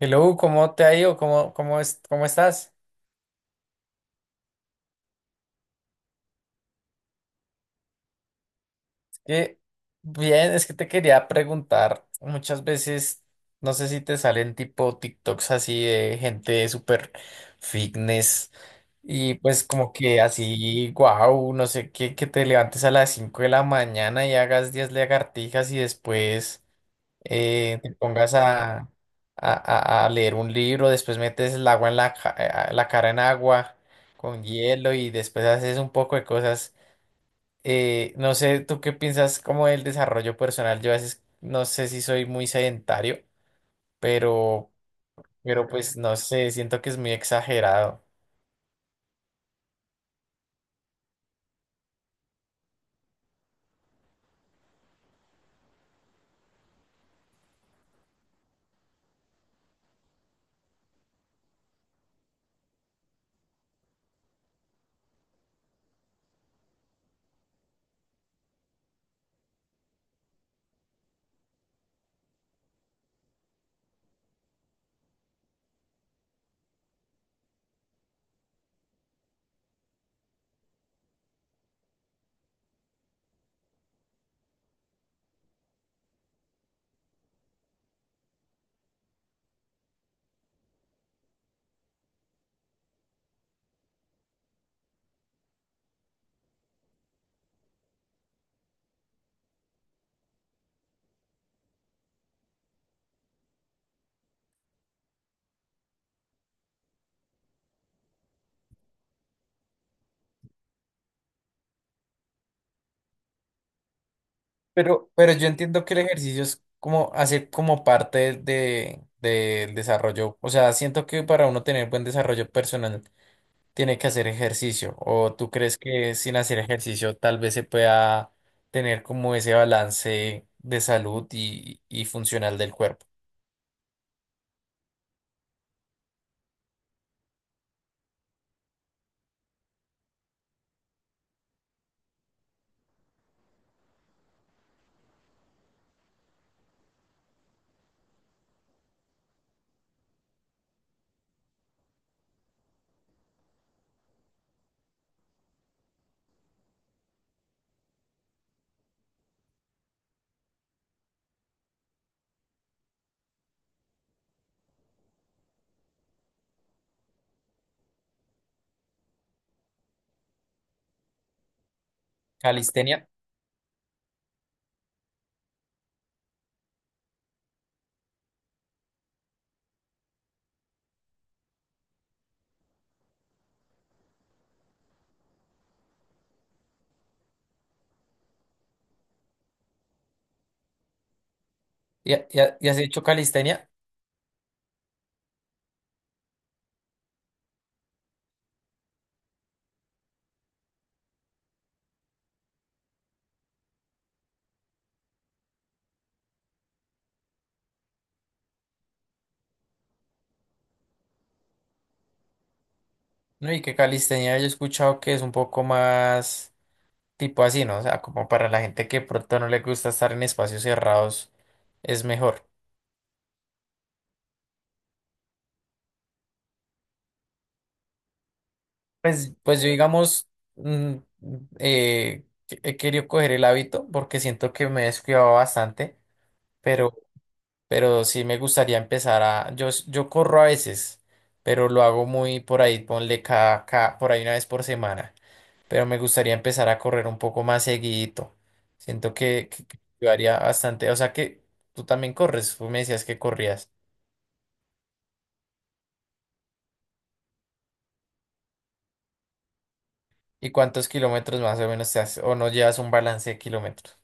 Hello, ¿cómo te ha ido? ¿Cómo estás? Que bien, es que te quería preguntar, muchas veces, no sé si te salen tipo TikToks así de gente súper fitness y pues como que así, wow, no sé, que te levantes a las 5 de la mañana y hagas 10 lagartijas y después te pongas a leer un libro, después metes el agua en la cara en agua con hielo y después haces un poco de cosas. No sé, ¿tú qué piensas como del desarrollo personal? Yo a veces no sé si soy muy sedentario, pero, pero pues no sé, siento que es muy exagerado. Pero yo entiendo que el ejercicio es como hace como parte del desarrollo. O sea, siento que para uno tener buen desarrollo personal tiene que hacer ejercicio. ¿O tú crees que sin hacer ejercicio tal vez se pueda tener como ese balance de salud y funcional del cuerpo? Calistenia. ¿Y, has hecho calistenia? No, y que calistenia yo he escuchado que es un poco más tipo así, ¿no? O sea, como para la gente que pronto no le gusta estar en espacios cerrados, es mejor. Pues, pues yo, digamos, mm, he querido coger el hábito porque siento que me he descuidado bastante, pero, pero sí me gustaría empezar a. Yo, yo corro a veces, pero lo hago muy por ahí, ponle por ahí una vez por semana. Pero me gustaría empezar a correr un poco más seguidito. Siento que ayudaría bastante. O sea que tú también corres, tú me decías que corrías. ¿Y cuántos kilómetros más o menos te haces? ¿O no llevas un balance de kilómetros?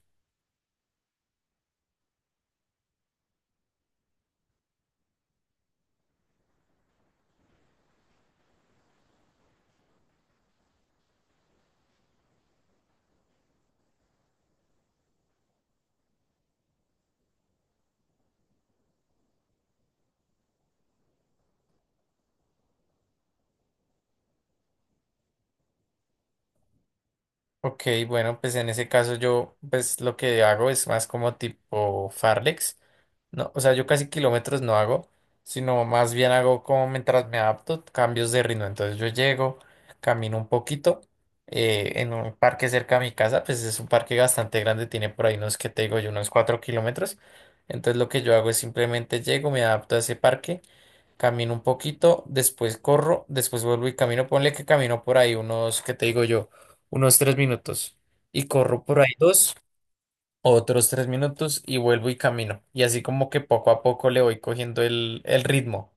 Ok, bueno, pues en ese caso yo, pues lo que hago es más como tipo Farlex. No, o sea, yo casi kilómetros no hago, sino más bien hago como mientras me adapto, cambios de ritmo. Entonces yo llego, camino un poquito en un parque cerca de mi casa, pues es un parque bastante grande, tiene por ahí unos, que te digo yo, unos 4 kilómetros. Entonces lo que yo hago es simplemente llego, me adapto a ese parque, camino un poquito, después corro, después vuelvo y camino. Ponle que camino por ahí unos, ¿que te digo yo? Unos 3 minutos y corro por ahí dos, otros 3 minutos y vuelvo y camino. Y así como que poco a poco le voy cogiendo el ritmo.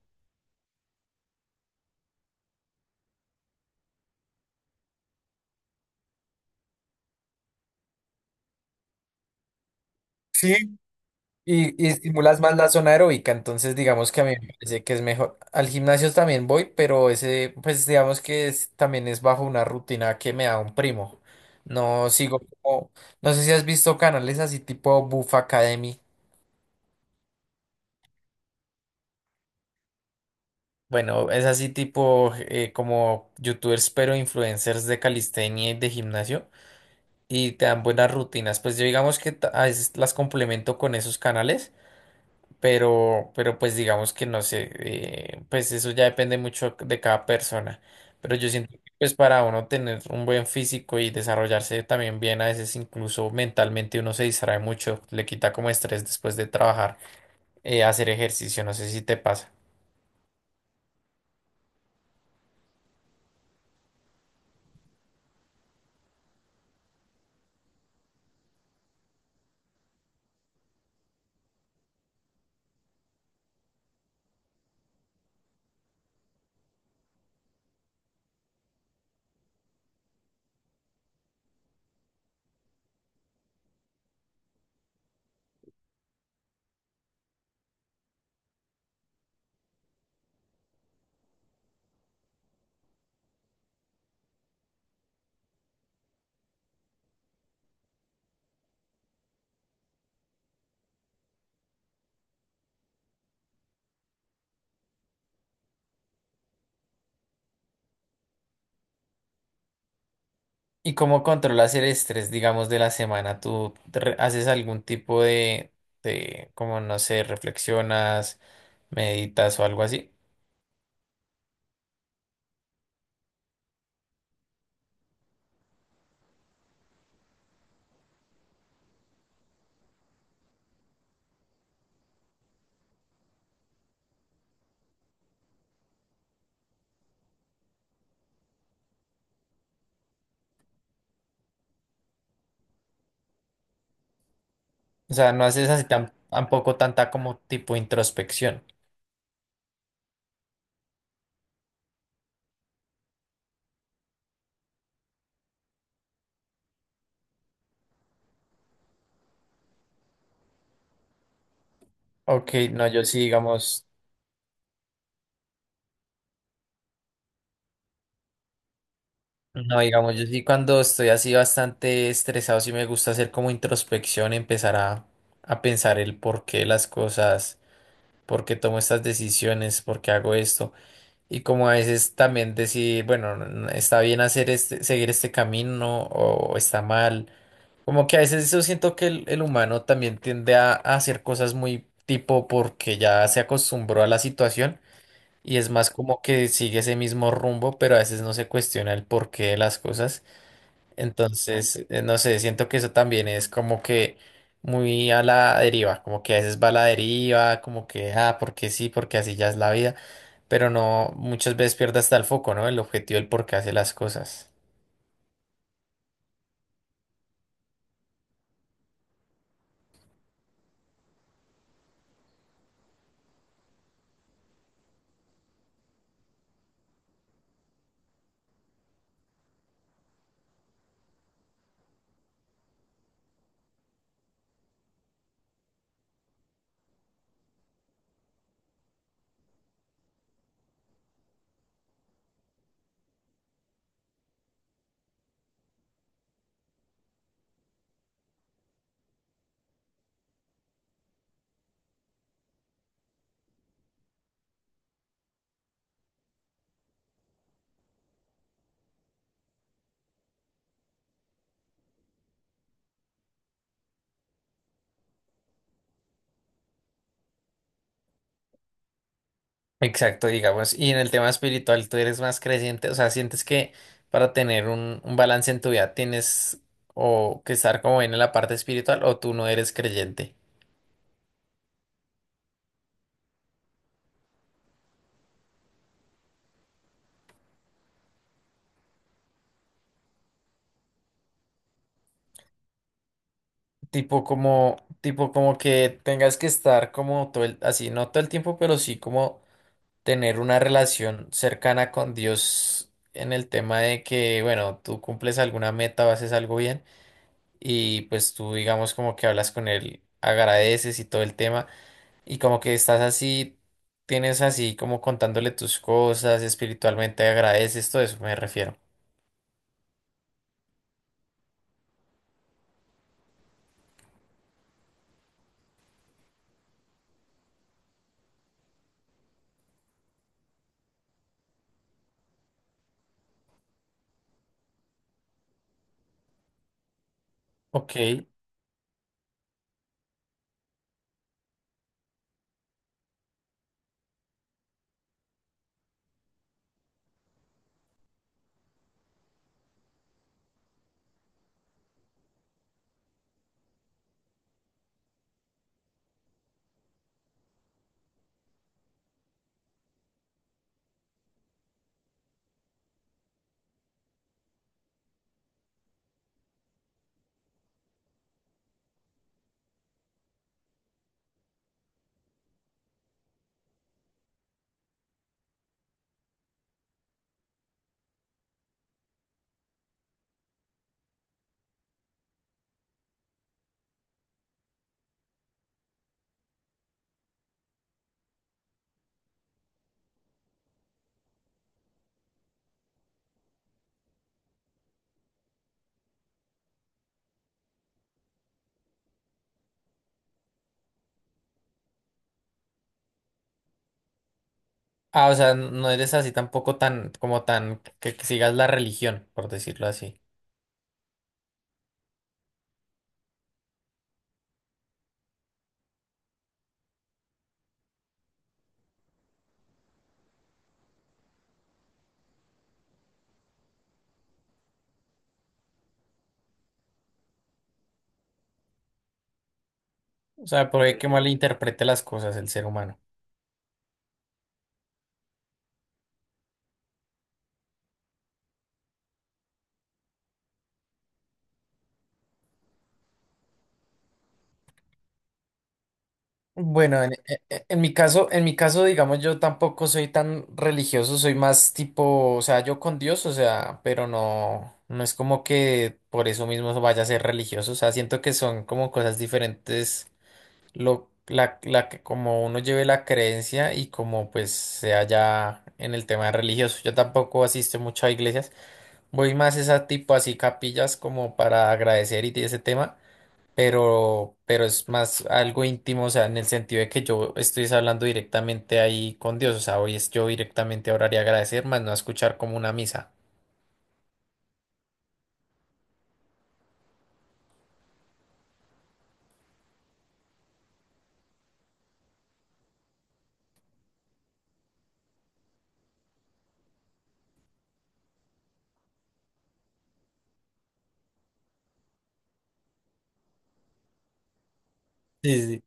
Sí. Y estimulas más la zona aeróbica, entonces digamos que a mí me parece que es mejor. Al gimnasio también voy, pero ese, pues digamos que también es bajo una rutina que me da un primo. No sigo como, no sé si has visto canales así tipo Buff Academy. Bueno, es así tipo como youtubers, pero influencers de calistenia y de gimnasio. Y te dan buenas rutinas. Pues yo digamos que a veces las complemento con esos canales, pero pues digamos que no sé, pues eso ya depende mucho de cada persona. Pero yo siento que pues para uno tener un buen físico y desarrollarse también bien, a veces incluso mentalmente uno se distrae mucho, le quita como estrés después de trabajar, hacer ejercicio, no sé si te pasa. ¿Y cómo controlas el estrés, digamos, de la semana? ¿Tú haces algún tipo de, como no sé, reflexionas, meditas o algo así? O sea, no haces así tan, tampoco tanta como tipo introspección. Ok, no, yo sí, digamos, no, digamos, yo sí cuando estoy así bastante estresado, sí me gusta hacer como introspección, empezar a pensar el por qué las cosas, por qué tomo estas decisiones, por qué hago esto. Y como a veces también decir, bueno, está bien hacer este, seguir este camino o está mal. Como que a veces yo siento que el humano también tiende a hacer cosas muy tipo porque ya se acostumbró a la situación y es más como que sigue ese mismo rumbo, pero a veces no se cuestiona el porqué de las cosas. Entonces, no sé, siento que eso también es como que muy a la deriva, como que a veces va a la deriva, como que, ah, porque sí, porque así ya es la vida, pero no, muchas veces pierde hasta el foco, ¿no? El objetivo, el por qué hace las cosas. Exacto, digamos. Y en el tema espiritual, ¿tú eres más creyente? O sea, ¿sientes que para tener un balance en tu vida tienes o que estar como bien en la parte espiritual o tú no eres creyente? Tipo como que tengas que estar como todo el, así, no todo el tiempo, pero sí como tener una relación cercana con Dios en el tema de que, bueno, tú cumples alguna meta o haces algo bien y pues tú digamos como que hablas con él, agradeces y todo el tema. Y como que estás así, tienes así como contándole tus cosas, espiritualmente agradeces, todo eso me refiero. Ok. Ah, o sea, no eres así tampoco tan, como tan, que sigas la religión, por decirlo así. O sea, puede que malinterprete las cosas el ser humano. Bueno, en, en mi caso, digamos, yo tampoco soy tan religioso, soy más tipo, o sea, yo con Dios, o sea, pero no, no es como que por eso mismo vaya a ser religioso, o sea, siento que son como cosas diferentes lo, como uno lleve la creencia y como pues sea ya en el tema religioso. Yo tampoco asisto mucho a iglesias, voy más esa tipo así capillas como para agradecer y de ese tema, pero es más algo íntimo, o sea, en el sentido de que yo estoy hablando directamente ahí con Dios, o sea, hoy es yo directamente a orar y agradecer, más no a escuchar como una misa. Sí, sí.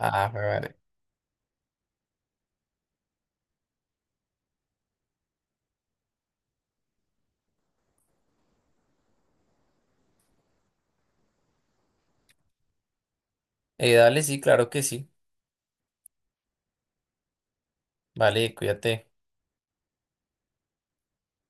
Ah, vale. Dale, sí, claro que sí. Vale, cuídate.